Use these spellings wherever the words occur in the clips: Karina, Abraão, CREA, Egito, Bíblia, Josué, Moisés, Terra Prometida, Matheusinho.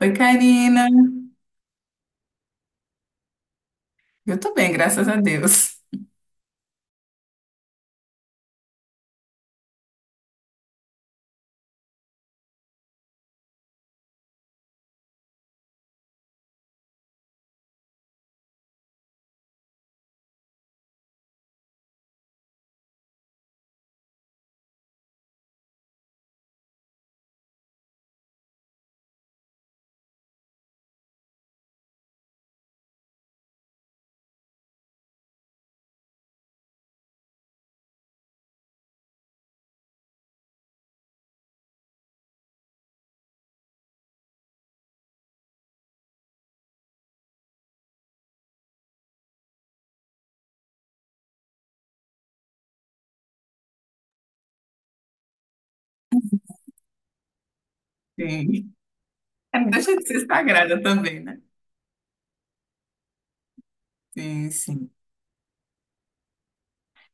Oi, Karina. Eu tô bem, graças a Deus. Sim. É, não. Deixa de ser sagrada também, né? Sim, sim.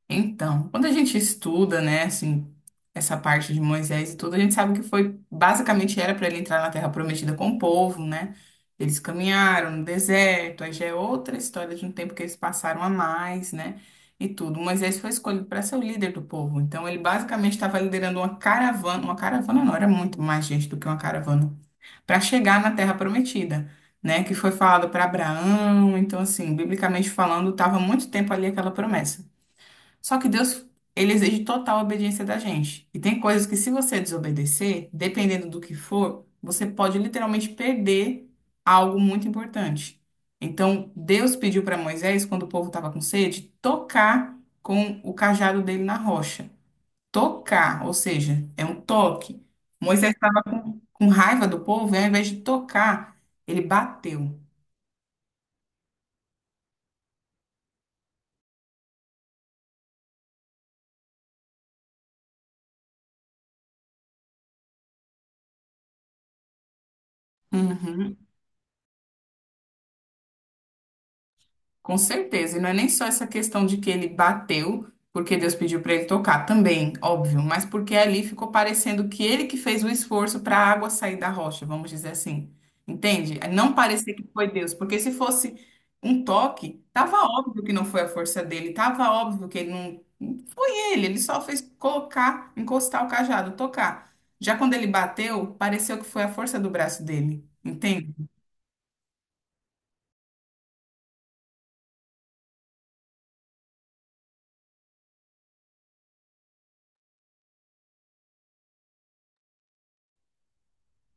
Então, quando a gente estuda, né, assim, essa parte de Moisés e tudo, a gente sabe que foi, basicamente era para ele entrar na Terra Prometida com o povo, né? Eles caminharam no deserto, aí já é outra história de um tempo que eles passaram a mais, né? E tudo. Moisés foi escolhido para ser o líder do povo. Então, ele basicamente estava liderando uma caravana não, era muito mais gente do que uma caravana para chegar na Terra Prometida, né? Que foi falado para Abraão. Então, assim, biblicamente falando, estava muito tempo ali aquela promessa. Só que Deus, ele exige total obediência da gente. E tem coisas que, se você desobedecer, dependendo do que for, você pode literalmente perder algo muito importante. Então, Deus pediu para Moisés, quando o povo estava com sede, tocar com o cajado dele na rocha, tocar, ou seja, é um toque. Moisés estava com raiva do povo e ao invés de tocar, ele bateu. Uhum. Com certeza, e não é nem só essa questão de que ele bateu porque Deus pediu para ele tocar, também, óbvio, mas porque ali ficou parecendo que ele que fez o esforço para a água sair da rocha, vamos dizer assim. Entende? É. Não parecer que foi Deus, porque se fosse um toque, tava óbvio que não foi a força dele, tava óbvio que ele não foi ele, ele só fez colocar, encostar o cajado, tocar. Já quando ele bateu, pareceu que foi a força do braço dele, entende?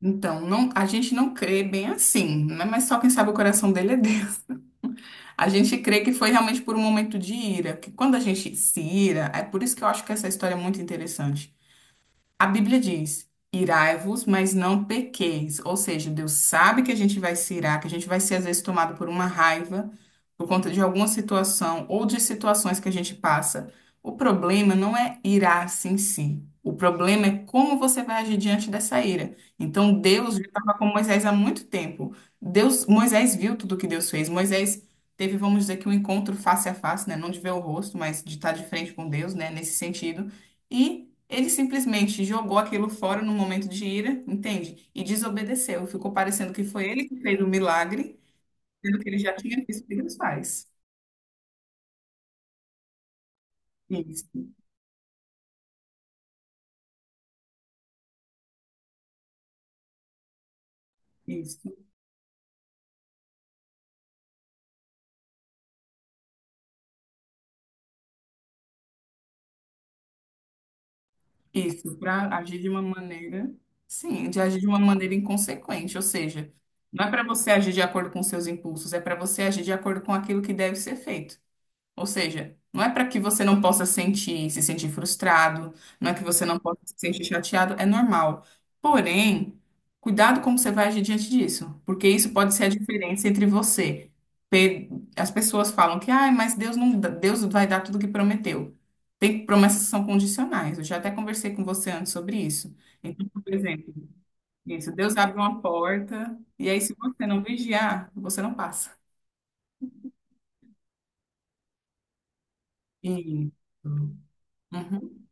Então, não, a gente não crê bem assim, né? Mas só quem sabe o coração dele é Deus. A gente crê que foi realmente por um momento de ira, que quando a gente se ira, é por isso que eu acho que essa história é muito interessante. A Bíblia diz: irai-vos, mas não pequeis. Ou seja, Deus sabe que a gente vai se irar, que a gente vai ser às vezes tomado por uma raiva por conta de alguma situação ou de situações que a gente passa. O problema não é irar-se em si. O problema é como você vai agir diante dessa ira. Então Deus já estava com Moisés há muito tempo. Deus, Moisés viu tudo que Deus fez. Moisés teve, vamos dizer, que um encontro face a face, né? Não de ver o rosto, mas de estar de frente com Deus, né? Nesse sentido. E ele simplesmente jogou aquilo fora no momento de ira, entende? E desobedeceu. Ficou parecendo que foi ele que fez o milagre, sendo que ele já tinha visto o que Deus faz. Isso, isso, isso. Para agir de uma maneira, sim, de agir de uma maneira inconsequente. Ou seja, não é para você agir de acordo com seus impulsos, é para você agir de acordo com aquilo que deve ser feito. Ou seja, não é para que você não possa sentir, se sentir frustrado, não é que você não possa se sentir chateado, é normal. Porém, cuidado como você vai agir diante disso, porque isso pode ser a diferença entre você. pe- As pessoas falam que, ah, mas Deus não, Deus vai dar tudo o que prometeu. Tem promessas que são condicionais. Eu já até conversei com você antes sobre isso. Então, por exemplo, isso, Deus abre uma porta, e aí se você não vigiar, você não passa. E, Uhum.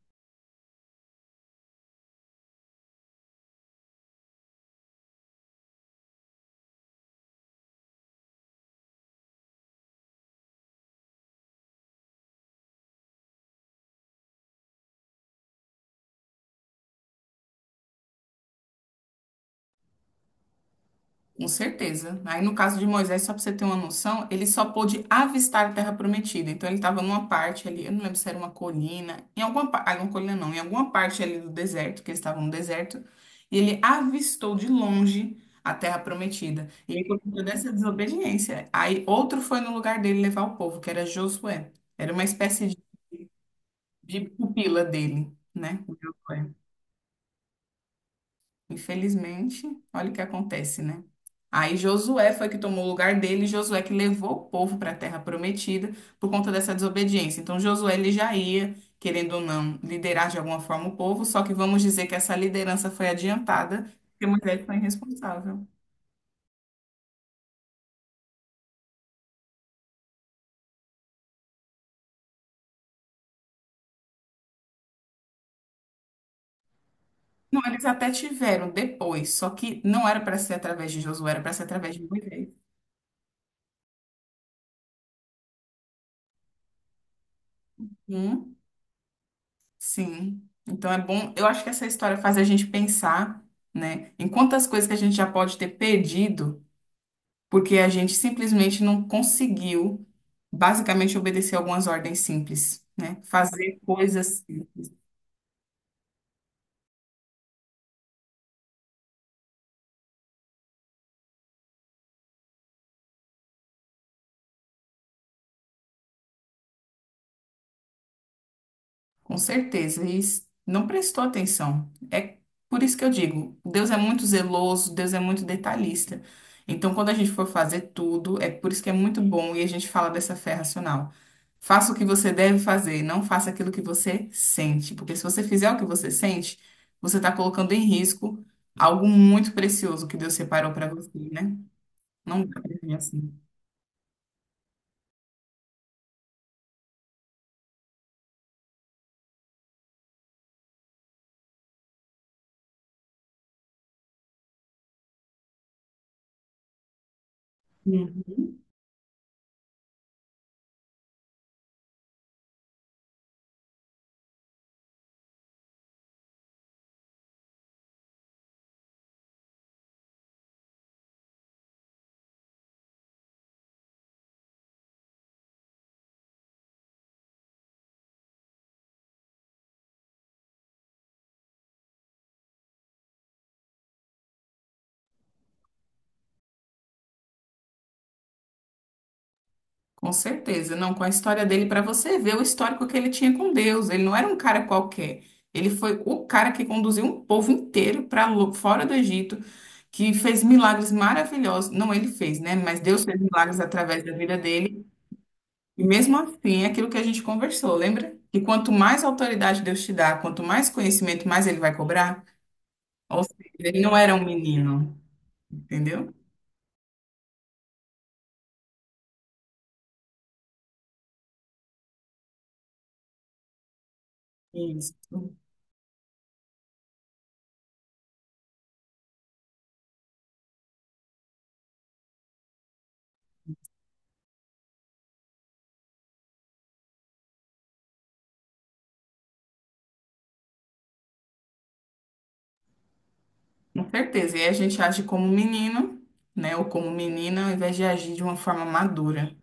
Com certeza. Aí, no caso de Moisés, só para você ter uma noção, ele só pôde avistar a Terra Prometida. Então, ele estava numa parte ali, eu não lembro se era uma colina, em alguma, uma colina não, em alguma parte ali do deserto, que eles estavam no deserto, e ele avistou de longe a Terra Prometida. E aí, por conta dessa desobediência, aí outro foi no lugar dele levar o povo, que era Josué. Era uma espécie de pupila dele, né? Infelizmente, olha o que acontece, né? Aí Josué foi que tomou o lugar dele, Josué que levou o povo para a terra prometida por conta dessa desobediência. Então Josué ele já ia, querendo ou não, liderar de alguma forma o povo, só que vamos dizer que essa liderança foi adiantada, porque Moisés foi irresponsável. Não, eles até tiveram depois, só que não era para ser através de Josué, era para ser através de Moisés. Hum, sim. Então é bom, eu acho que essa história faz a gente pensar, né, em quantas coisas que a gente já pode ter perdido porque a gente simplesmente não conseguiu, basicamente, obedecer algumas ordens simples, né? Fazer coisas, com certeza, e não prestou atenção. É por isso que eu digo, Deus é muito zeloso, Deus é muito detalhista. Então, quando a gente for fazer tudo, é por isso que é muito bom e a gente fala dessa fé racional. Faça o que você deve fazer, não faça aquilo que você sente, porque se você fizer o que você sente, você está colocando em risco algo muito precioso que Deus separou para você, né? Não dá pra viver assim. Uhum. Com certeza. Não, com a história dele, para você ver o histórico que ele tinha com Deus. Ele não era um cara qualquer. Ele foi o cara que conduziu um povo inteiro para fora do Egito, que fez milagres maravilhosos. Não ele fez, né? Mas Deus fez milagres através da vida dele. E mesmo assim, é aquilo que a gente conversou, lembra? Que quanto mais autoridade Deus te dá, quanto mais conhecimento, mais ele vai cobrar. Ou seja, ele não era um menino, entendeu? Isso. Com certeza. E aí a gente age como menino, né? Ou como menina, ao invés de agir de uma forma madura.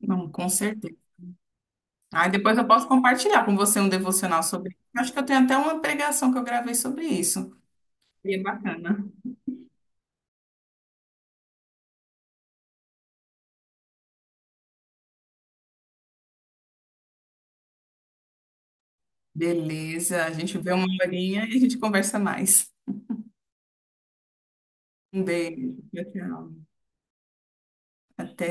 Não, com certeza. Aí depois eu posso compartilhar com você um devocional sobre isso. Acho que eu tenho até uma pregação que eu gravei sobre isso. E é bacana. Beleza, a gente vê uma horinha e a gente conversa mais. Um beijo. Tchau, tchau. Até.